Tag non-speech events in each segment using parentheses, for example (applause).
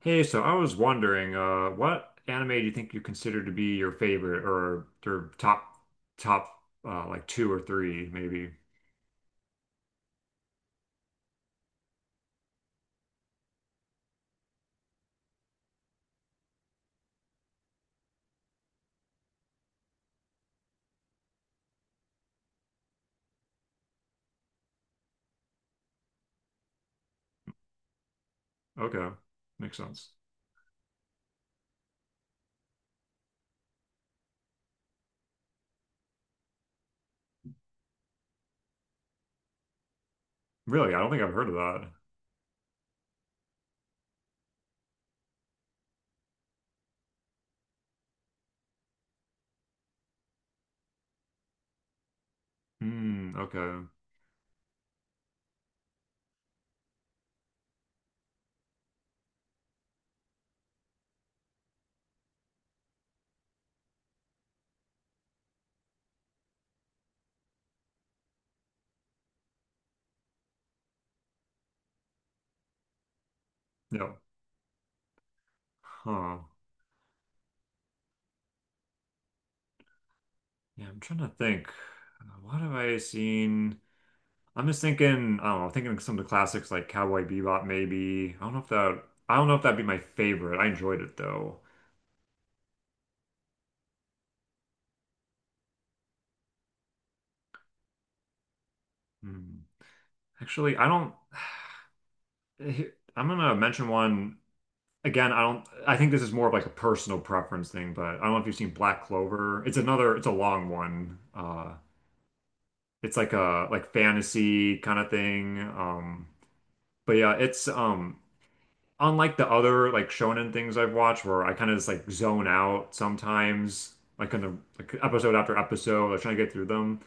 Hey, so I was wondering, what anime do you think you consider to be your favorite or your top like two or three maybe? Okay, makes sense. Really, I don't think I've heard of that. Hmm. Okay. Yeah. Huh. Yeah, I'm trying to think. What have I seen? I'm just thinking. I don't know. Thinking of some of the classics like Cowboy Bebop, maybe. I don't know if that'd be my favorite. I enjoyed it though. Hmm. Actually, I don't. (sighs) I'm gonna mention one. Again, I don't, I think this is more of like a personal preference thing, but I don't know if you've seen Black Clover. It's a long one. It's like a like fantasy kind of thing. But yeah, it's unlike the other like shonen things I've watched where I kind of just like zone out sometimes, like in the like episode after episode, like trying to get through them.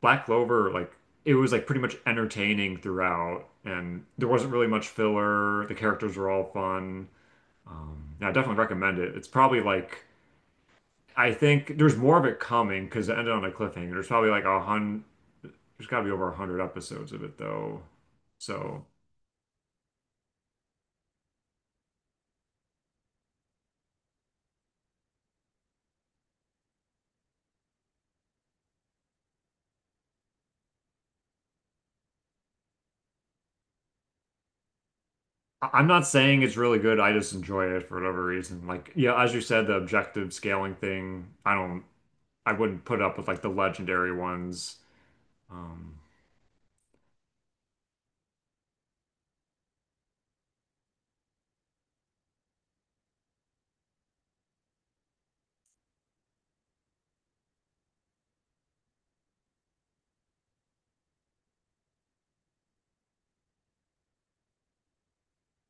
Black Clover, like it was like pretty much entertaining throughout, and there wasn't really much filler. The characters were all fun. Yeah, I definitely recommend it. It's probably like I think there's more of it coming because it ended on a cliffhanger. There's probably like a hundred. There's got to be over a hundred episodes of it though. So I'm not saying it's really good. I just enjoy it for whatever reason. Like yeah, as you said, the objective scaling thing. I don't. I wouldn't put up with like the legendary ones. Um,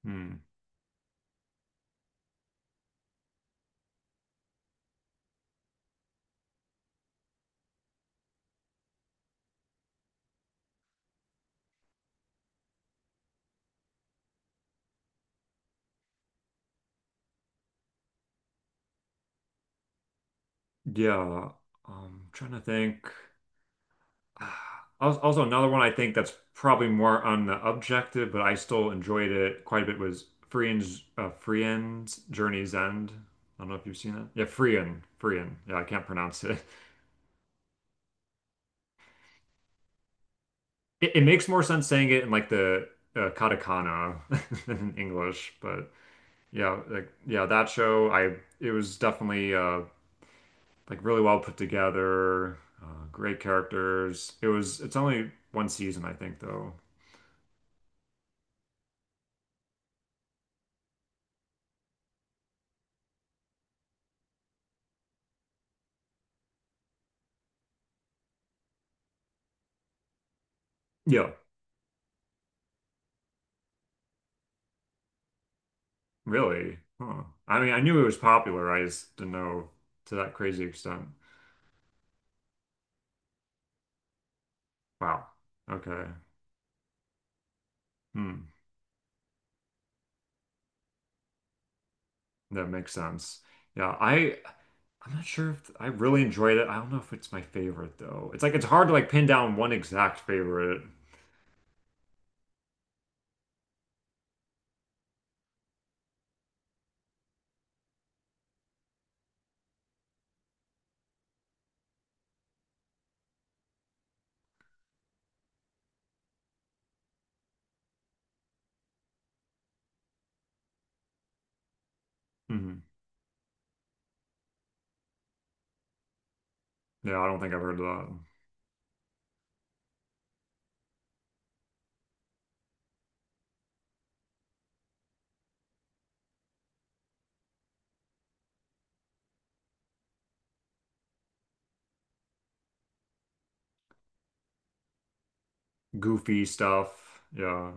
hmm. Yeah. Trying to think. (sighs) Also, another one I think that's probably more on the objective, but I still enjoyed it quite a bit was Frieren's Journey's End. I don't know if you've seen it. Yeah, Frien. Yeah, I can't pronounce it. (laughs) It makes more sense saying it in like the katakana (laughs) than in English, but yeah, that show I it was definitely like really well put together, uh, great characters. It's only one season I think though. Yeah. Really? Huh. I mean, I knew it was popular. I just didn't know to that crazy extent. Wow. Okay. Hmm. That makes sense. Yeah, I'm not sure if I really enjoyed it. I don't know if it's my favorite though. It's like it's hard to like pin down one exact favorite. Hmm. Yeah, I don't think I've heard of that. Goofy stuff. Yeah.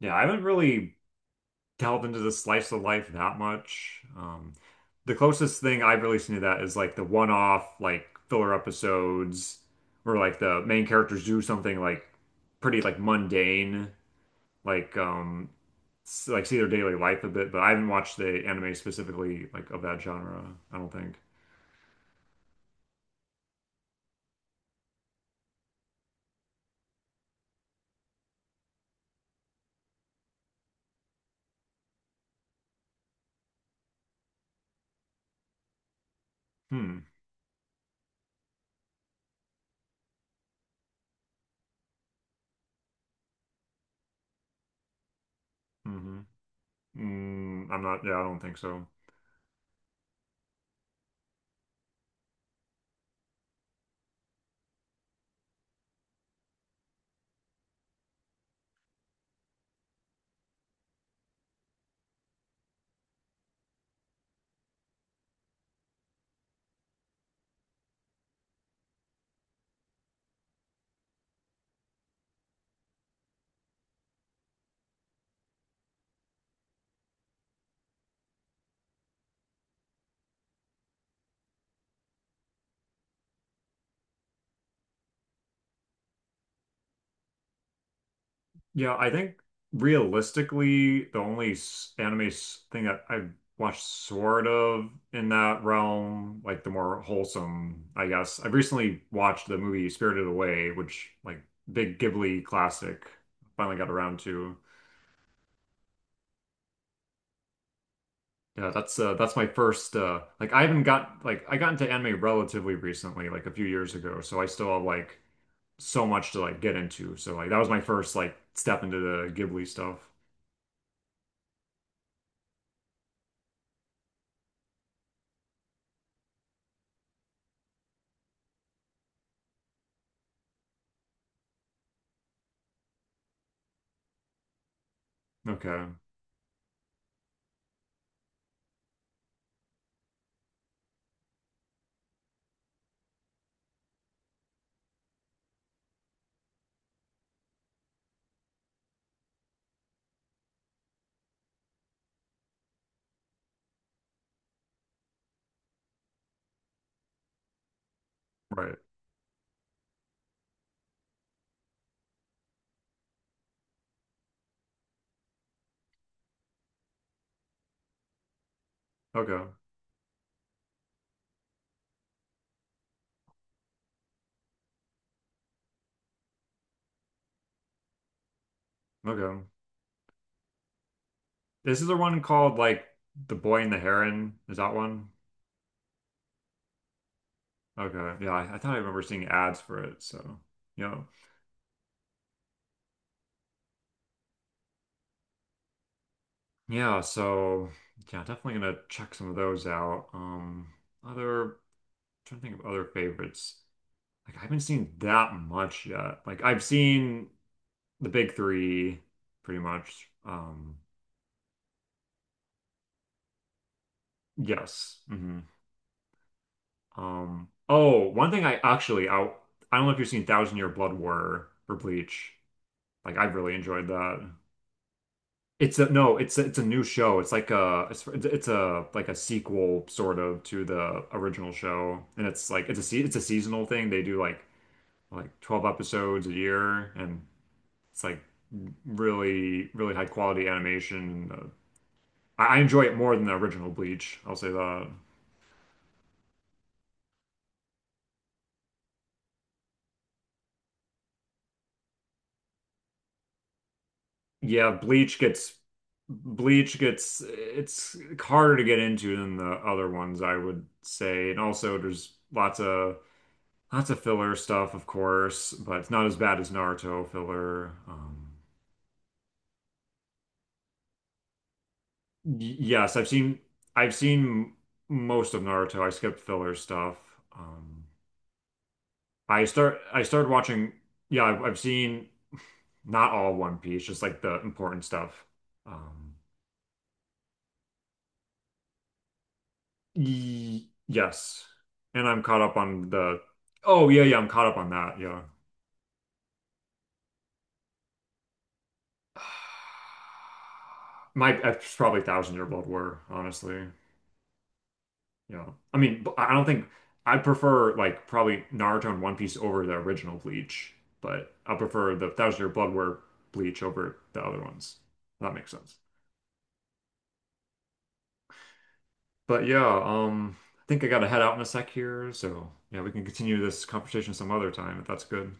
Yeah, I haven't really delve into the slice of life that much. The closest thing I've really seen to that is like the one-off like filler episodes where like the main characters do something like pretty like mundane, like like see their daily life a bit, but I haven't watched the anime specifically like of that genre, I don't think. Hmm. Mm-hmm. I'm not, yeah, I don't think so. Yeah, I think realistically, the only thing that I've watched sort of in that realm, like the more wholesome, I guess. I've recently watched the movie Spirited Away, which like big Ghibli classic. Finally got around to. Yeah, that's my first, I haven't got like I got into anime relatively recently, like a few years ago, so I still have like so much to like get into. So like that was my first like step into the Ghibli stuff. Okay, right. Okay. Okay. This is the one called like The Boy and the Heron. Is that one? Okay. Yeah, I thought I remember seeing ads for it. So, yeah. Yeah, so yeah, definitely gonna check some of those out. Other trying to think of other favorites. Like I haven't seen that much yet. Like I've seen the big three pretty much. Yes. Hmm. Oh, one thing I actually I don't know if you've seen Thousand Year Blood War for Bleach. Like I really enjoyed that. It's a no, it's a new show. It's like a it's a like a sequel sort of to the original show, and it's like it's a seasonal thing. They do like 12 episodes a year, and it's like really really high quality animation. I enjoy it more than the original Bleach. I'll say that. Yeah, Bleach gets it's harder to get into than the other ones, I would say, and also there's lots of lots of filler stuff, of course, but it's not as bad as Naruto filler. Yes, I've seen most of Naruto. I skipped filler stuff. Um, I started watching. Yeah, I've seen not all One Piece, just like the important stuff. Um, y yes, and I'm caught up on the. Oh yeah, yeah, I'm caught up on that. Yeah, (sighs) my it's probably Thousand Year Blood War, honestly. You know, I mean, I don't think I prefer like probably Naruto and One Piece over the original Bleach, but I prefer the Thousand Year Blood War Bleach over the other ones. If that makes sense. But yeah, I think I gotta head out in a sec here, so yeah, we can continue this conversation some other time if that's good.